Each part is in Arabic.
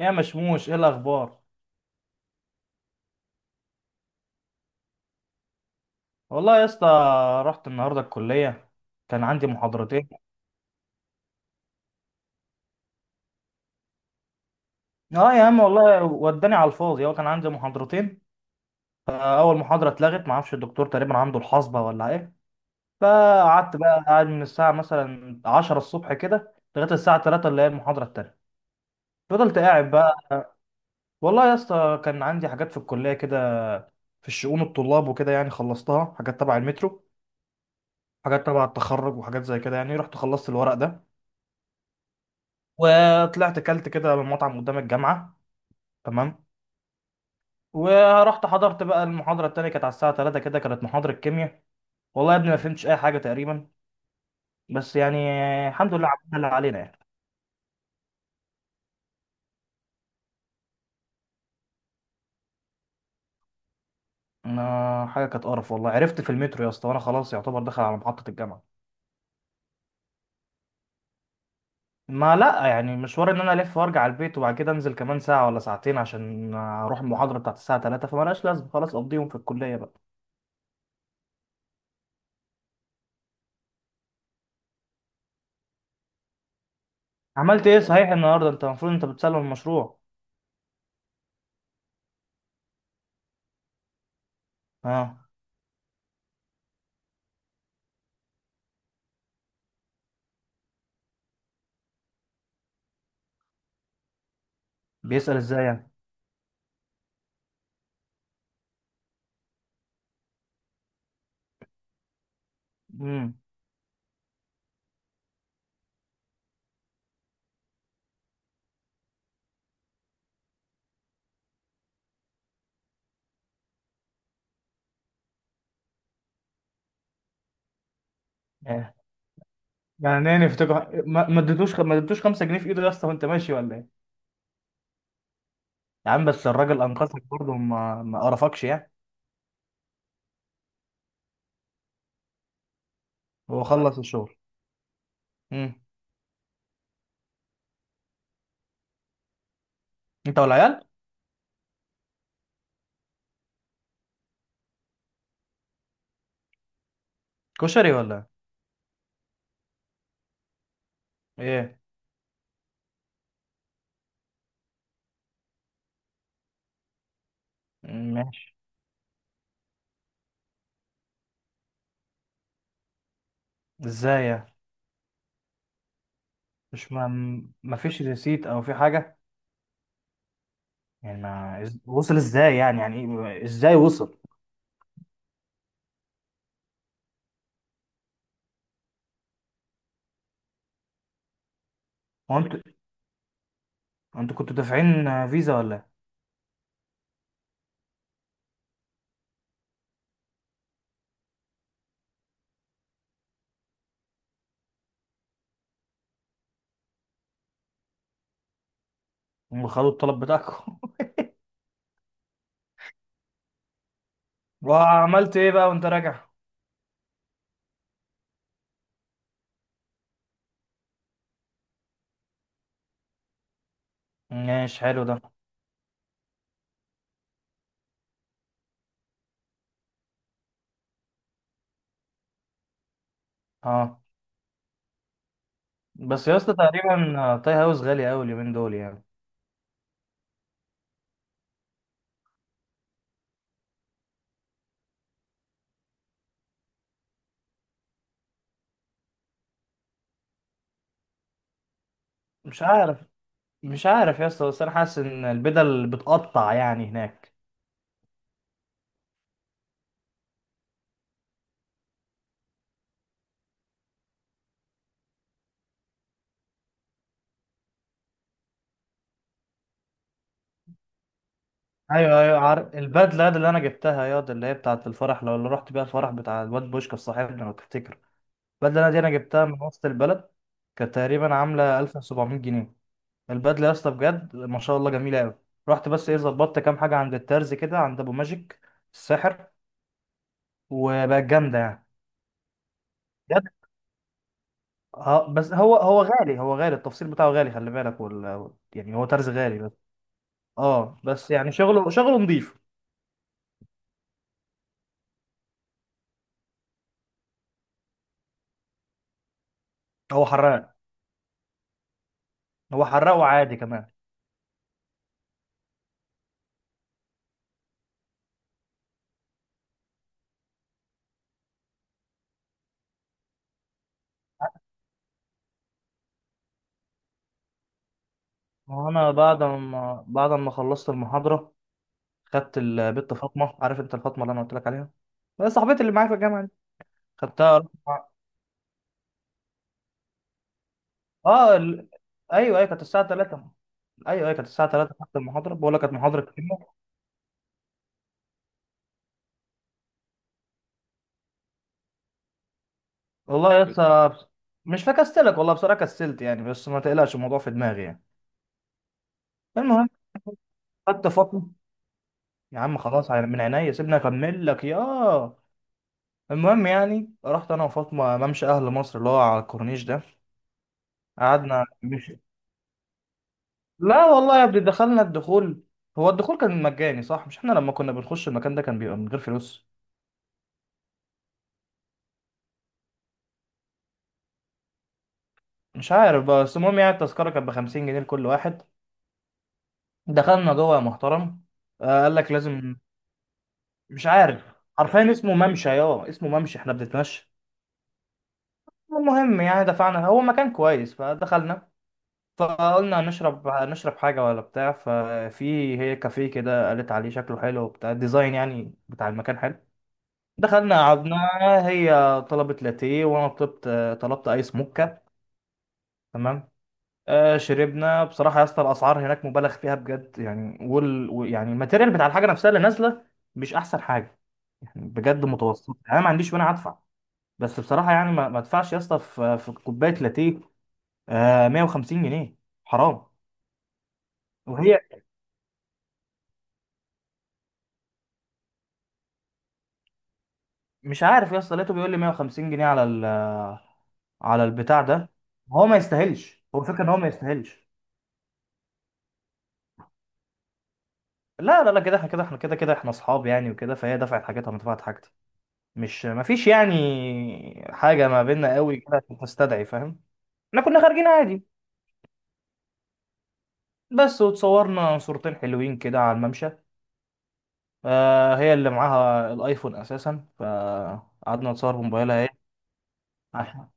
يا مشموش ايه الاخبار؟ والله يا اسطى، رحت النهارده الكليه، كان عندي محاضرتين. اه يا عم والله، وداني على الفاضي. هو كان عندي محاضرتين، اول محاضره اتلغت، ما اعرفش الدكتور تقريبا عنده الحصبه ولا ايه. فقعدت بقى قاعد من الساعه مثلا 10 الصبح كده لغايه الساعه 3 اللي هي المحاضره التانيه. فضلت قاعد بقى. والله يا اسطى كان عندي حاجات في الكليه كده، في الشؤون الطلاب وكده، يعني خلصتها. حاجات تبع المترو، حاجات تبع التخرج وحاجات زي كده، يعني رحت خلصت الورق ده وطلعت اكلت كده من مطعم قدام الجامعه. تمام. ورحت حضرت بقى المحاضره التانية، كانت على الساعه 3 كده، كانت محاضره كيمياء. والله يا ابني ما فهمتش اي حاجه تقريبا، بس يعني الحمد لله عملنا اللي علينا يعني. حاجه كانت قرف والله، عرفت في المترو يا اسطى وانا خلاص يعتبر داخل على محطه الجامعه. ما لا يعني مشوار ان انا الف وارجع البيت وبعد كده انزل كمان ساعه ولا ساعتين عشان اروح المحاضره بتاعت الساعه 3، فمالهاش لازمه، خلاص اقضيهم في الكليه بقى. عملت ايه صحيح النهارده؟ انت المفروض انت بتسلم المشروع. اه. بيسأل ازاي يعني؟ امم يعني ايه نفتكر؟ ما اديتوش، ما اديتوش 5 جنيه في ايده يا اسطى وانت ماشي ولا ايه؟ يا عم بس الراجل انقذك برضه، ما قرفكش يعني. هو خلص الشغل؟ امم انت والعيال؟ كشري ولا ايه؟ مم، ماشي. ازاي يعني؟ مش ما ما فيش ريسيت او في حاجه يعني؟ ما إز- وصل ازاي يعني؟ يعني إيه؟ ازاي وصل؟ هو انت، انت كنتوا دافعين فيزا ولا إيه؟ هم خدوا الطلب بتاعكم. وعملت ايه بقى وانت راجع؟ ماشي، حلو ده. اه بس يا اسطى تقريبا تاي هاوس غالي قوي اليومين دول يعني. مش عارف، مش عارف يا اسطى بس انا حاسس ان البدل بتقطع يعني هناك. ايوه ايوه، عارف البدله دي اللي انا جبتها؟ يا دي اللي هي بتاعه الفرح، لو اللي رحت بيها الفرح بتاع الواد بوشكا صاحبنا لو تفتكر. البدله دي انا جبتها من وسط البلد، كانت تقريبا عامله 1700 جنيه. البدله يا اسطى بجد ما شاء الله جميله قوي. رحت بس ايه، ظبطت كام حاجه عند الترز كده عند ابو ماجيك الساحر، وبقت جامده يعني، بجد. اه بس هو، هو غالي، هو غالي التفصيل بتاعه غالي، خلي بالك. وال... يعني هو ترز غالي بس. اه بس يعني شغله، شغله نظيف. هو حراق. هو حراق وعادي كمان. وانا بعد ما خلصت المحاضره، خدت البت فاطمه، عارف انت الفاطمه اللي انا قلت لك عليها؟ هي صاحبتي اللي معايا في الجامعه دي. خدتها رحت مع- اه ال... ايوه كانت الساعه 3. ايوه كانت الساعه 3، خدت المحاضره، بقول لك كانت محاضره كيمياء. والله يا اسطى بس- مش بكسلك والله، بصراحه كسلت يعني، بس ما تقلقش الموضوع في دماغي يعني. المهم، خدت فاطمه. يا عم خلاص، على- من عينيا، سيبني اكمل لك ياه. المهم يعني، رحت انا وفاطمه ممشى اهل مصر اللي هو على الكورنيش ده. قعدنا، مش، لا والله يا ابني دخلنا. الدخول، هو الدخول كان مجاني صح؟ مش احنا لما كنا بنخش المكان ده كان بيبقى من غير فلوس؟ مش عارف بقى، بس المهم يعني التذكره كانت ب 50 جنيه لكل واحد. دخلنا جوه يا محترم. آه قال لك لازم. مش عارف، حرفيا اسمه ممشى، يا اسمه ممشى احنا بنتمشى. المهم يعني دفعنا، هو مكان كويس فدخلنا. فقلنا نشرب، نشرب حاجة ولا بتاع. ففي هي كافيه كده قالت عليه شكله حلو وبتاع، ديزاين يعني بتاع المكان حلو. دخلنا قعدنا. هي طلبت لاتيه وانا طلبت، طلبت ايس موكا. تمام. آه شربنا. بصراحة يا اسطى الاسعار هناك مبالغ فيها بجد يعني. يعني الماتيريال بتاع الحاجة نفسها اللي نازلة مش احسن حاجة يعني، بجد متوسط. انا ما عنديش وانا هدفع، بس بصراحة يعني ما ادفعش يا اسطى في في كوباية لاتيه آه 150 جنيه. حرام. وهي، مش عارف يا اسطى لقيته بيقول لي 150 جنيه على ال، على البتاع ده. هو ما يستاهلش، هو الفكره ان هو ما يستاهلش. لا لا لا، كده احنا، كده احنا، كده كده احنا اصحاب يعني وكده، فهي دفعت حاجتها وانا دفعت حاجتي. مش ما فيش يعني حاجه ما بيننا قوي كده عشان تستدعي، فاهم. احنا كنا خارجين عادي بس. وتصورنا صورتين حلوين كده على الممشى. آه هي اللي معاها الايفون اساسا، فقعدنا نتصور بموبايلها ايه، عشان،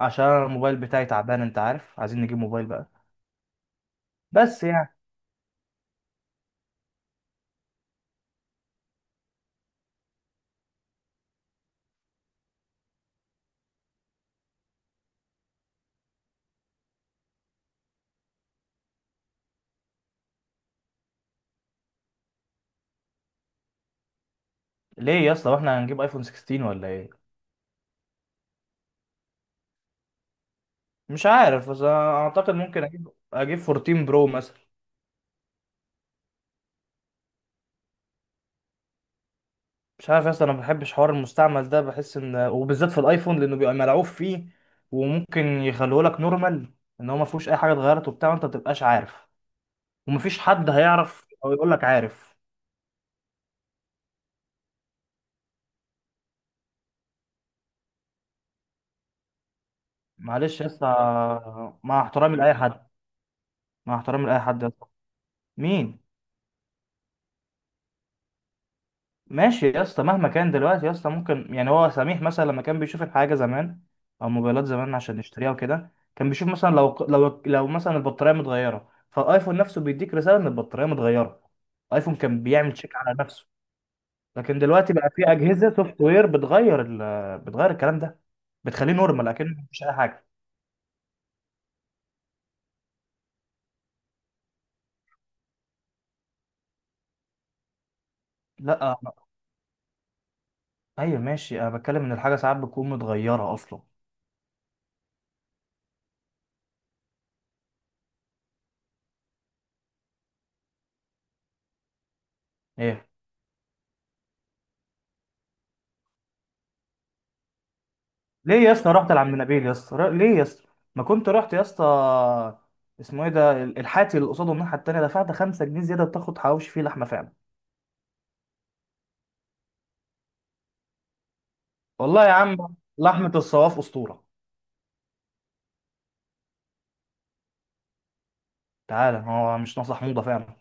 عشان الموبايل بتاعي تعبان، انت عارف عايزين نجيب موبايل بقى. بس يعني ليه يا اسطى، واحنا هنجيب ايفون 16 ولا ايه؟ مش عارف بس أنا اعتقد ممكن اجيب، اجيب 14 برو مثلا. مش عارف يا اسطى، انا ما بحبش حوار المستعمل ده، بحس ان، وبالذات في الايفون لانه بيبقى ملعوب فيه. وممكن يخلوه لك نورمال، ان هو ما فيهوش اي حاجه اتغيرت وبتاع، وانت ما تبقاش عارف، ومفيش حد هيعرف او يقول لك، عارف. معلش يا اسطى، مع احترامي لاي حد، مع احترامي لاي حد يا اسطى. مين؟ ماشي يا اسطى، مهما كان دلوقتي يا اسطى، ممكن يعني هو سميح مثلا لما كان بيشوف الحاجه زمان او موبايلات زمان عشان يشتريها وكده، كان بيشوف مثلا لو مثلا البطاريه متغيره، فالايفون نفسه بيديك رساله ان البطاريه متغيره. الايفون كان بيعمل تشيك على نفسه. لكن دلوقتي بقى في اجهزه سوفت وير بتغير ال... بتغير الكلام ده، بتخليه نورمال، لكن مفيش اي حاجه. لا، ايوه ماشي، انا بتكلم ان الحاجه ساعات بتكون متغيره اصلا. ايه؟ ليه يا اسطى رحت لعم نبيل يا اسطى؟ ليه يا اسطى؟ ما كنت رحت يا اسطى اسمه ايه ده، ال- الحاتي اللي قصاده الناحيه التانيه، دفعت 5 جنيه زياده تاخد حواوشي فيه لحمه فعلا. والله يا عم لحمه الصواف اسطوره. تعالى، هو مش ناصح حموضه فعلا.